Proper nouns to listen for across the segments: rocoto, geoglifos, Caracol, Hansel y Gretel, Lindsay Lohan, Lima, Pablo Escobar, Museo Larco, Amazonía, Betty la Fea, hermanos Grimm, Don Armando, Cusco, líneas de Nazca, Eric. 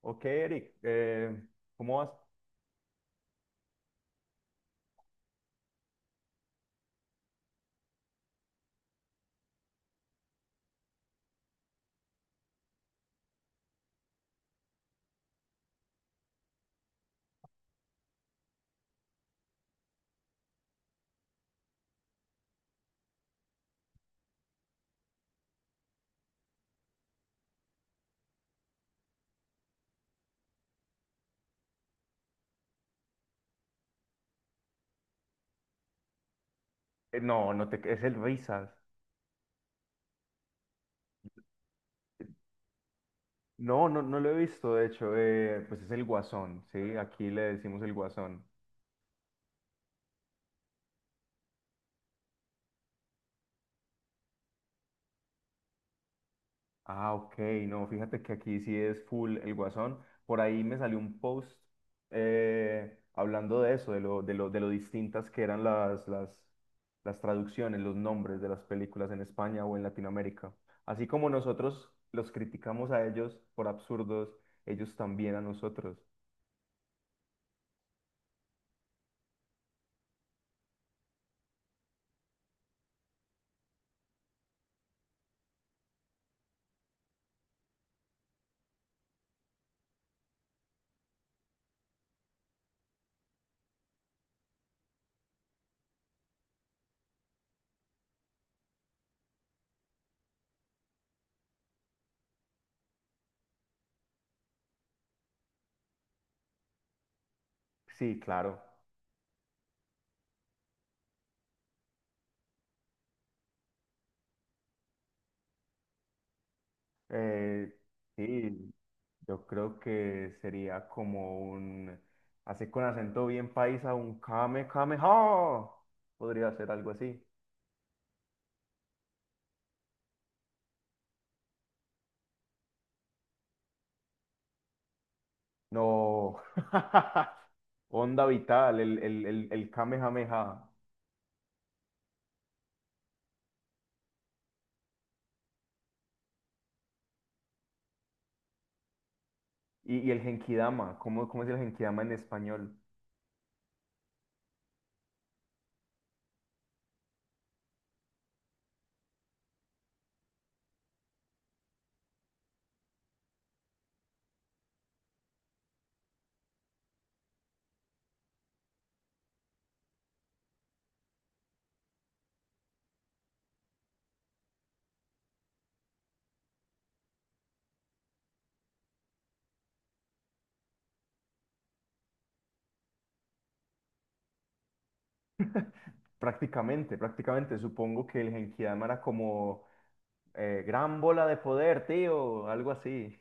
Ok, Eric, ¿cómo vas? No, no te, es el Risas. No, lo he visto, de hecho, pues es el Guasón, ¿sí? Aquí le decimos el Guasón. Ah, ok, no, fíjate que aquí sí es full el Guasón. Por ahí me salió un post hablando de eso, de lo distintas que eran las traducciones, los nombres de las películas en España o en Latinoamérica. Así como nosotros los criticamos a ellos por absurdos, ellos también a nosotros. Sí, claro. Eh, sí, yo creo que sería como un, así con acento bien paisa, un kame kame ha. Podría ser algo así. No. Onda vital, el kamehameha. Y el genkidama, ¿cómo es el genkidama en español? Prácticamente, prácticamente. Supongo que el genkidama era como gran bola de poder, tío, algo así.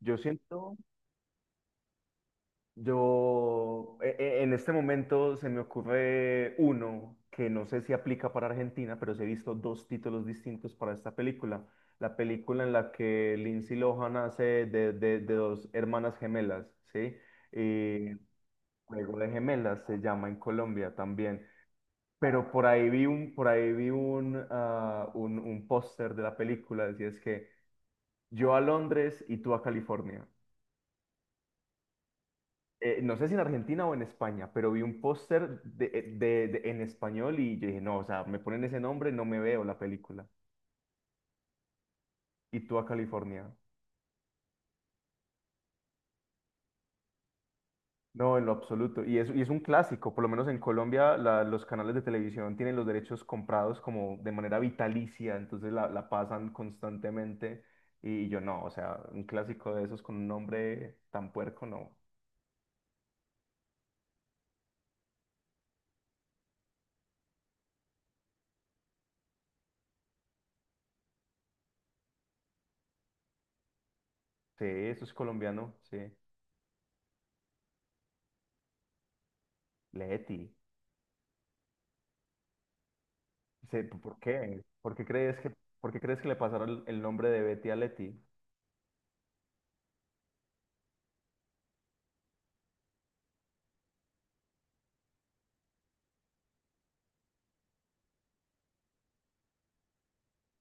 Yo siento. Yo, en este momento se me ocurre uno que no sé si aplica para Argentina, pero sí he visto dos títulos distintos para esta película. La película en la que Lindsay Lohan hace de dos hermanas gemelas, ¿sí? Y Juego de Gemelas se llama en Colombia también. Pero por ahí vi un, ah, un póster de la película, decía es que yo a Londres y tú a California. No sé si en Argentina o en España, pero vi un póster de, en español y yo dije, no, o sea, me ponen ese nombre, no me veo la película. Y tú a California. No, en lo absoluto. Y es un clásico, por lo menos en Colombia los canales de televisión tienen los derechos comprados como de manera vitalicia, entonces la pasan constantemente. Y yo no, o sea, un clásico de esos con un nombre tan puerco, no. Sí, eso es colombiano, sí. Leti. Sí, ¿por qué? ¿Por qué crees que le pasaron el nombre de Betty a Leti?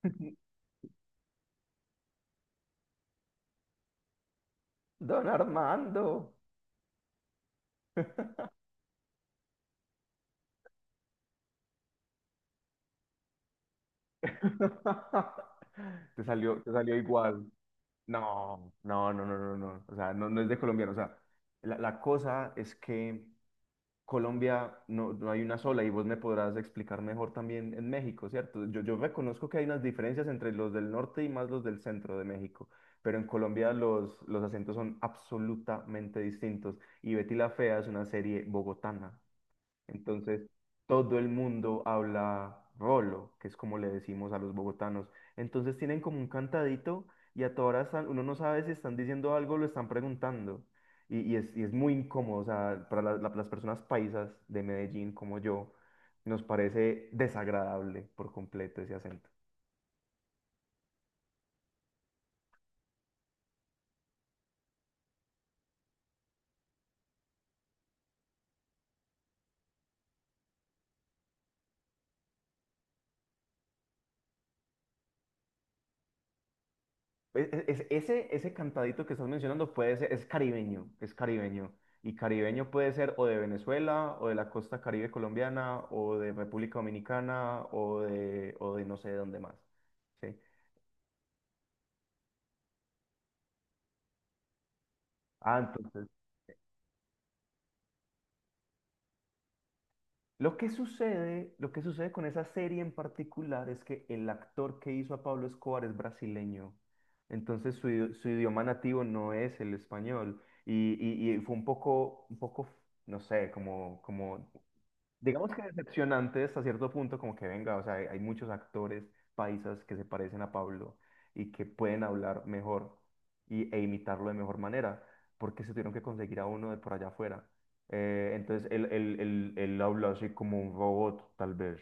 Don Armando. Te salió, igual. No, no, no, no, no, no. O sea, no, no es de colombiano. O sea, la cosa es que Colombia no, no hay una sola y vos me podrás explicar mejor también en México, ¿cierto? Yo reconozco que hay unas diferencias entre los del norte y más los del centro de México, pero en Colombia los acentos son absolutamente distintos. Y Betty la Fea es una serie bogotana. Entonces, todo el mundo habla rolo, que es como le decimos a los bogotanos. Entonces tienen como un cantadito y a todas horas están- uno no sabe si están diciendo algo o lo están preguntando. Y es muy incómodo, o sea, para las personas paisas de Medellín como yo, nos parece desagradable por completo ese acento. Ese cantadito que estás mencionando puede ser, es caribeño, es caribeño. Y caribeño puede ser o de Venezuela, o de la costa Caribe colombiana, o de República Dominicana, o de no sé de dónde más. ¿Sí? Ah, entonces, lo que sucede con esa serie en particular es que el actor que hizo a Pablo Escobar es brasileño. Entonces su idioma nativo no es el español. Y fue un poco, no sé, como, como digamos que decepcionante hasta cierto punto, como que venga, o sea, hay muchos actores paisas que se parecen a Pablo y que pueden hablar mejor y, e imitarlo de mejor manera, porque se tuvieron que conseguir a uno de por allá afuera. Entonces él habla así como un robot, tal vez.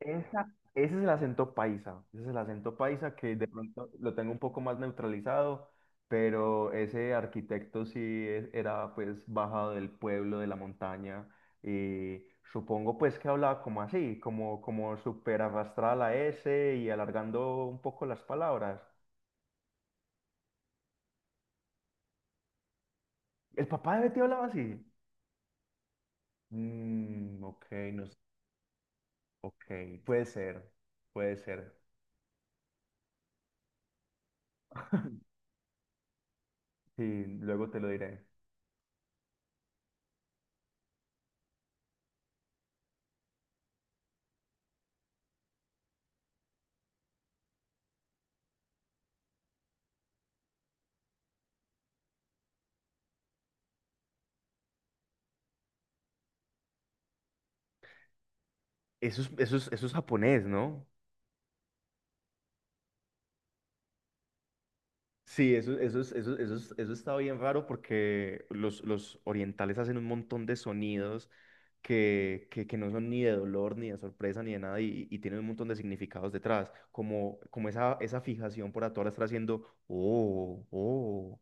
Ese es el acento paisa, ese es el acento paisa que de pronto lo tengo un poco más neutralizado, pero ese arquitecto sí era pues bajado del pueblo, de la montaña, y supongo pues que hablaba como así, como, como súper arrastrada la S y alargando un poco las palabras. ¿El papá de Betty hablaba así? Mm, ok, no, s- ok, puede ser, puede ser, sí, luego te lo diré. Eso es, eso es, eso es japonés, ¿no? Sí, eso está bien raro porque los orientales hacen un montón de sonidos que no son ni de dolor, ni de sorpresa, ni de nada, y tienen un montón de significados detrás, esa fijación por la hora estar haciendo, oh, oh,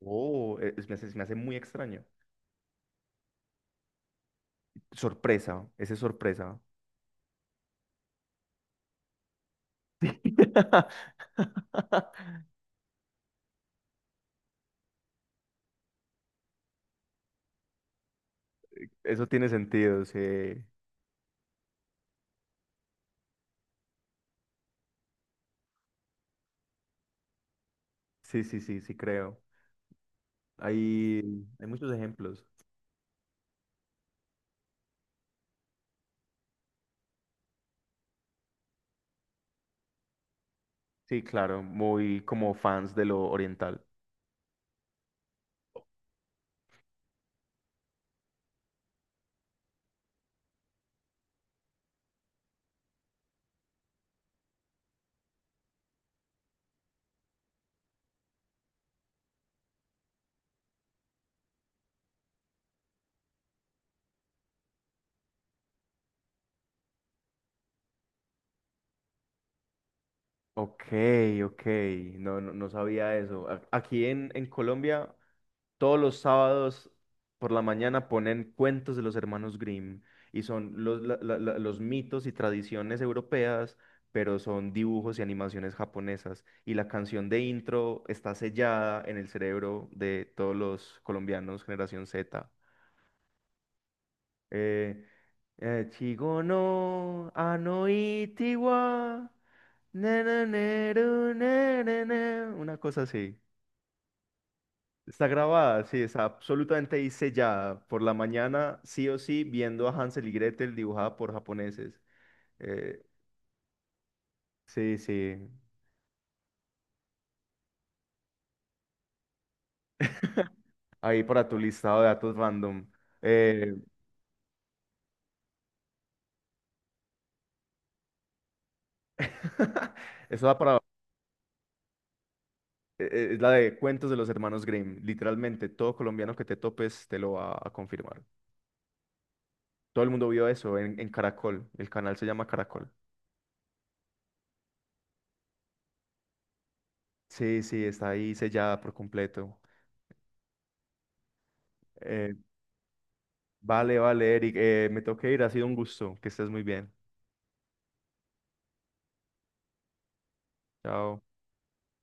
oh, me hace, se me hace muy extraño. Sorpresa, ese es sorpresa. Eso tiene sentido, sí, sí creo. Hay muchos ejemplos. Sí, claro, muy como fans de lo oriental. Ok, ok, no sabía eso. A- aquí en Colombia, todos los sábados por la mañana ponen cuentos de los hermanos Grimm y son los, los mitos y tradiciones europeas, pero son dibujos y animaciones japonesas. Y la canción de intro está sellada en el cerebro de todos los colombianos, generación Z. えー、えー、稚語のあのiti wa, ne ne ne ru ne ne ne, una cosa así. Está grabada, sí, está absolutamente ahí sellada. Por la mañana, sí o sí, viendo a Hansel y Gretel dibujada por japoneses. Eh, sí, sí, ahí para tu listado de datos random. Eh, eso da para... es la de cuentos de los hermanos Grimm. Literalmente, todo colombiano que te topes te lo va a confirmar. Todo el mundo vio eso en Caracol. El canal se llama Caracol. Sí, sí, está ahí sellada por completo. Eh, vale, vale, Eric. Me tengo que ir. Ha sido un gusto. Que estés muy bien. Chao.